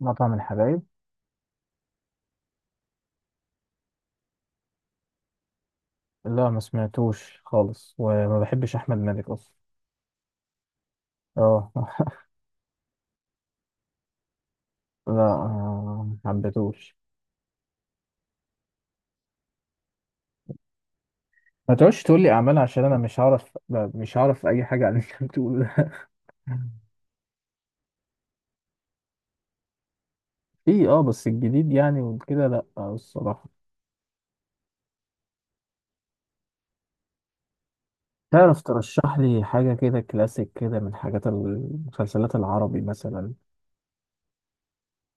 مطعم الحبايب. لا ما سمعتوش خالص وما بحبش احمد مالك اصلا. اه لا ما حبيتوش. ما تقعدش تقول لي اعمال عشان انا مش هعرف، لا، مش هعرف اي حاجه عن اللي انت بتقوله ده في اه، بس الجديد يعني وكده لا، الصراحه. تعرف ترشح لي حاجه كده كلاسيك كده من حاجات المسلسلات العربي مثلا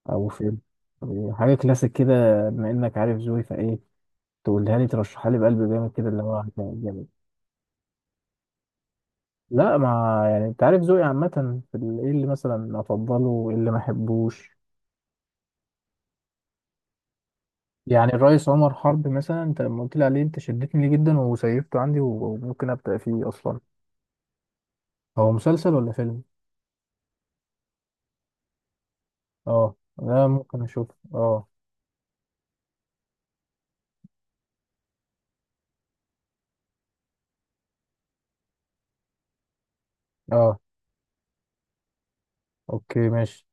او فيلم؟ حاجه كلاسيك كده، بما انك عارف ذوقي فايه، تقولها لي، ترشحها لي بقلب جامد كده اللي هو جامد. لا، ما يعني انت عارف ذوقي عامة، في ايه اللي مثلا افضله وايه اللي ما احبوش. يعني الرئيس عمر حرب مثلا، انت لما قلت لي عليه انت شدتني ليه جدا وسيفته عندي وممكن ابدأ فيه اصلا. هو مسلسل ولا فيلم؟ اه. لا ممكن اشوف. اه. اه. اوكي، ماشي.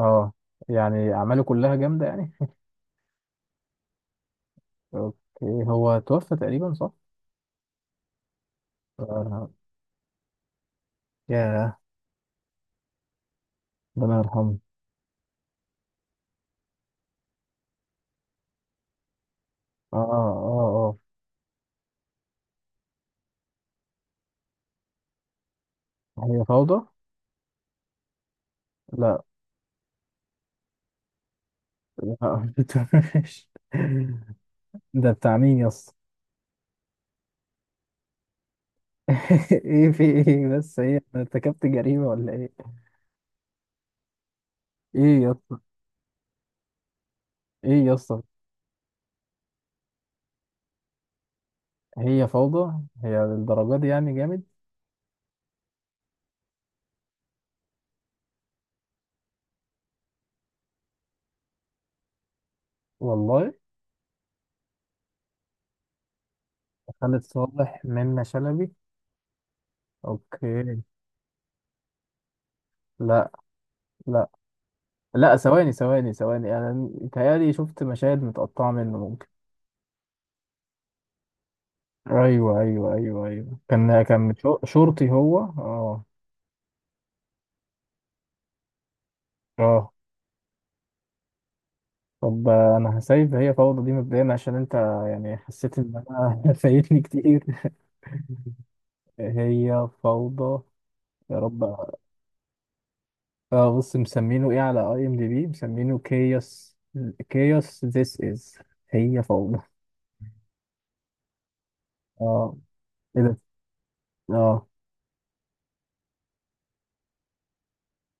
اه. يعني اعماله كلها جامدة يعني. اوكي. هو توفى تقريبا، صح؟ آه. ياه. ربنا يرحمه. اه اه اه. هي فوضى. لا. لا. مش- ده بتاع مين يس؟ ايه في ايه بس، هي انا ارتكبت جريمة ولا ايه؟ ايه يا اسطى؟ ايه يا اسطى؟ هي فوضى هي للدرجة دي يعني جامد؟ والله. خالد صالح، منة شلبي. اوكي. لا. لا. لا ثواني ثواني ثواني، انا متهيألي شفت مشاهد متقطعة منه ممكن. ايوه ايوه ايوه ايوه، كان كان شرطي هو، اه. اه. طب انا هسيب هي فوضى دي مبدئيا عشان انت يعني حسيت ان انا فايتني كتير. هي فوضى. يا رب. اه بص، مسمينه ايه على اي ام دي بي؟ مسمينه كيوس. كيوس ذيس از هي فوضى. اه. ايه ده؟ اه.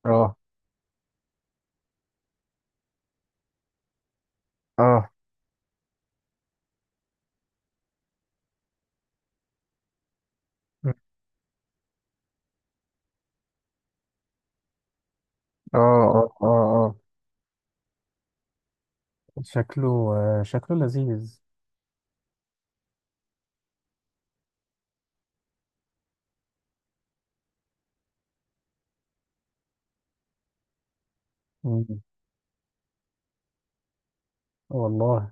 اه. اه. مم. اه اه اه. شكله. شكله لذيذ. مم. والله.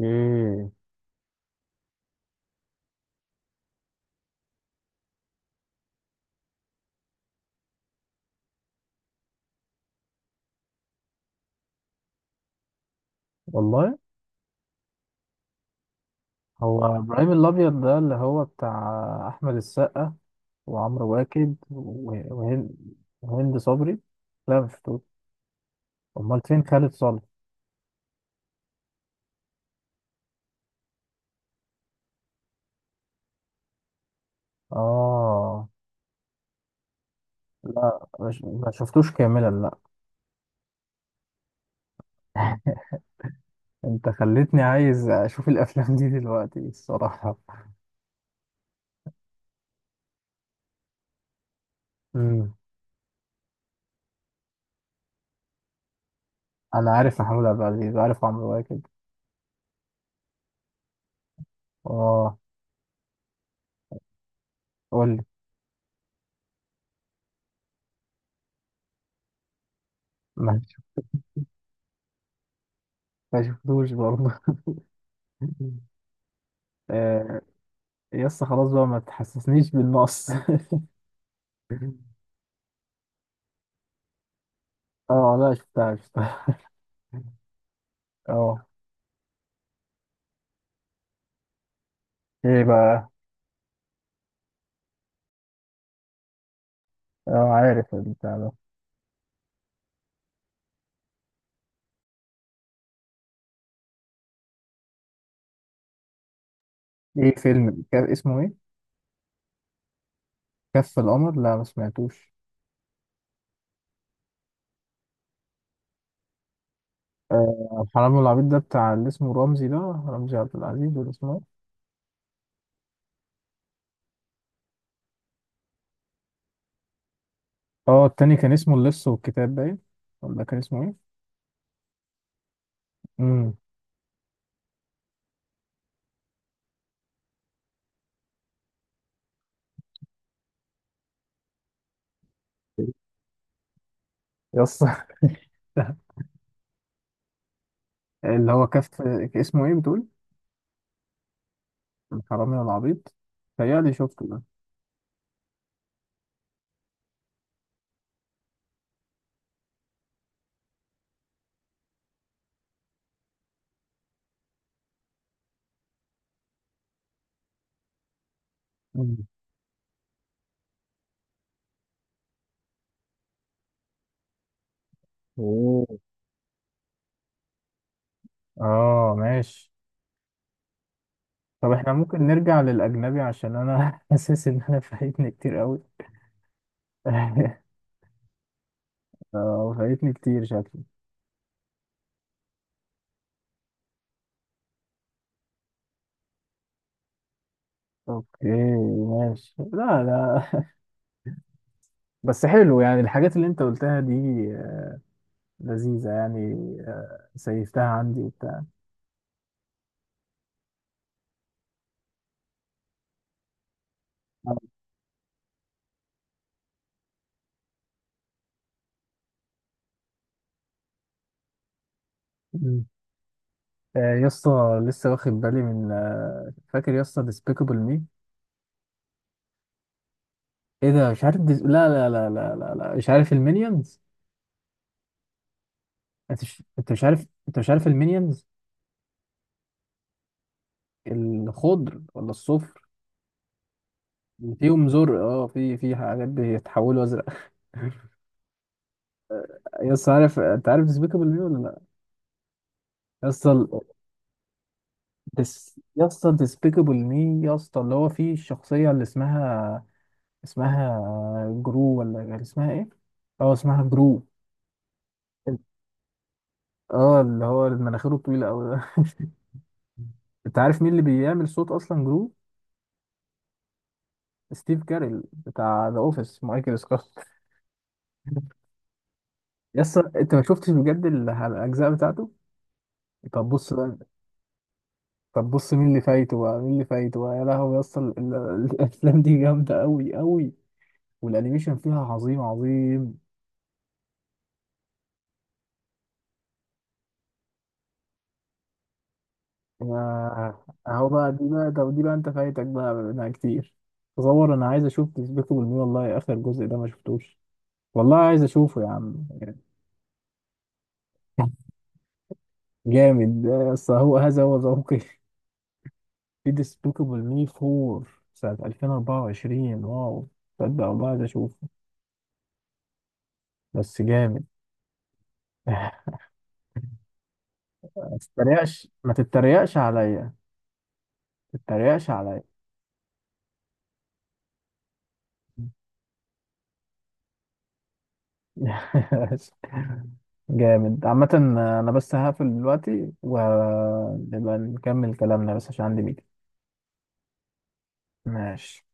ايه؟ والله. هو ابراهيم الابيض ده اللي هو بتاع احمد السقا وعمرو واكد وهند، وهند صبري. لا مش شفتوش. امال فين خالد صالح؟ اه. لا ما شفتوش كاملا، لا. انت خليتني عايز اشوف الافلام دي دلوقتي الصراحه. امم. انا عارف محمود عبد العزيز وعارف عمرو واكد. اه. قول لي. ما ما شفتوش برضه آه، يس، خلاص بقى ما تحسسنيش بالنقص اه لا، شفتها. اه. ايه بقى. اه عارف البتاع ده. ايه فيلم كان اسمه ايه؟ كف القمر، لا ما سمعتوش. حرام العبيط ده بتاع اللي اسمه رمزي ده، رمزي عبد العزيز ولا اسمه؟ اه التاني كان اسمه اللص والكتاب، باين، ولا كان اسمه ايه؟ امم. يس اللي هو كف. اسمه ايه بتقول؟ الحرامي والعبيط. تهيألي شفته ده. مم. مم. اه، ماشي. طب احنا ممكن نرجع للأجنبي عشان أنا حاسس إن أنا فايتني كتير أوي. اه فايتني كتير شكلي. اوكي، ماشي. لا لا، بس حلو يعني الحاجات اللي انت قلتها دي لذيذة يعني. سيفتها عندي وبتاع. يا اسطى لسه واخد بالي من، فاكر يا اسطى ديسبيكابل مي؟ ايه ده؟ مش عارف ديس... لا لا لا لا لا لا، مش عارف المينيونز. انت مش عارف؟ انت مش عارف المينيونز؟ الخضر ولا الصفر؟ اللي فيهم زرق، اه في في حاجات بيتحولوا ازرق يا اسطى، عارف، انت عارف ديسبيكابل مي ولا لا؟ يا اسطى ديس، يا اسطى ديسبيكابل مي، يا اسطى اللي هو فيه الشخصيه اللي اسمها، اسمها جرو ولا اسمها ايه؟ اه اسمها جرو. اه اللي هو مناخيره طويلة أوي ده أنت عارف مين اللي بيعمل صوت أصلا جرو؟ ستيف كاريل بتاع ذا أوفيس، مايكل سكوت يس، أنت ما شفتش بجد الأجزاء بتاعته؟ طب بص بقى. طب بص مين اللي فايته بقى، مين اللي فايته بقى يا لهوي. يس الأفلام دي جامدة أوي أوي، والأنيميشن فيها عظيم عظيم. يا-. أهو بقى، دي بقى، طب دي بقى أنت فايتك بقى منها كتير. تصور أنا عايز أشوف بيسبيكول مي، والله آخر جزء ده ما شفتوش، والله عايز أشوفه يا عم. جامد، اصل هو هذا هو ذوقي. في ديسبيكابل مي 4 سنة 2024، واو، تصدق والله عايز اشوفه، بس جامد ما تتريقش، ما تتريقش عليا، ما تتريقش عليا جامد عامة. انا بس هقفل دلوقتي ونبقى نكمل كلامنا بس عشان عندي ميتنج. ماشي.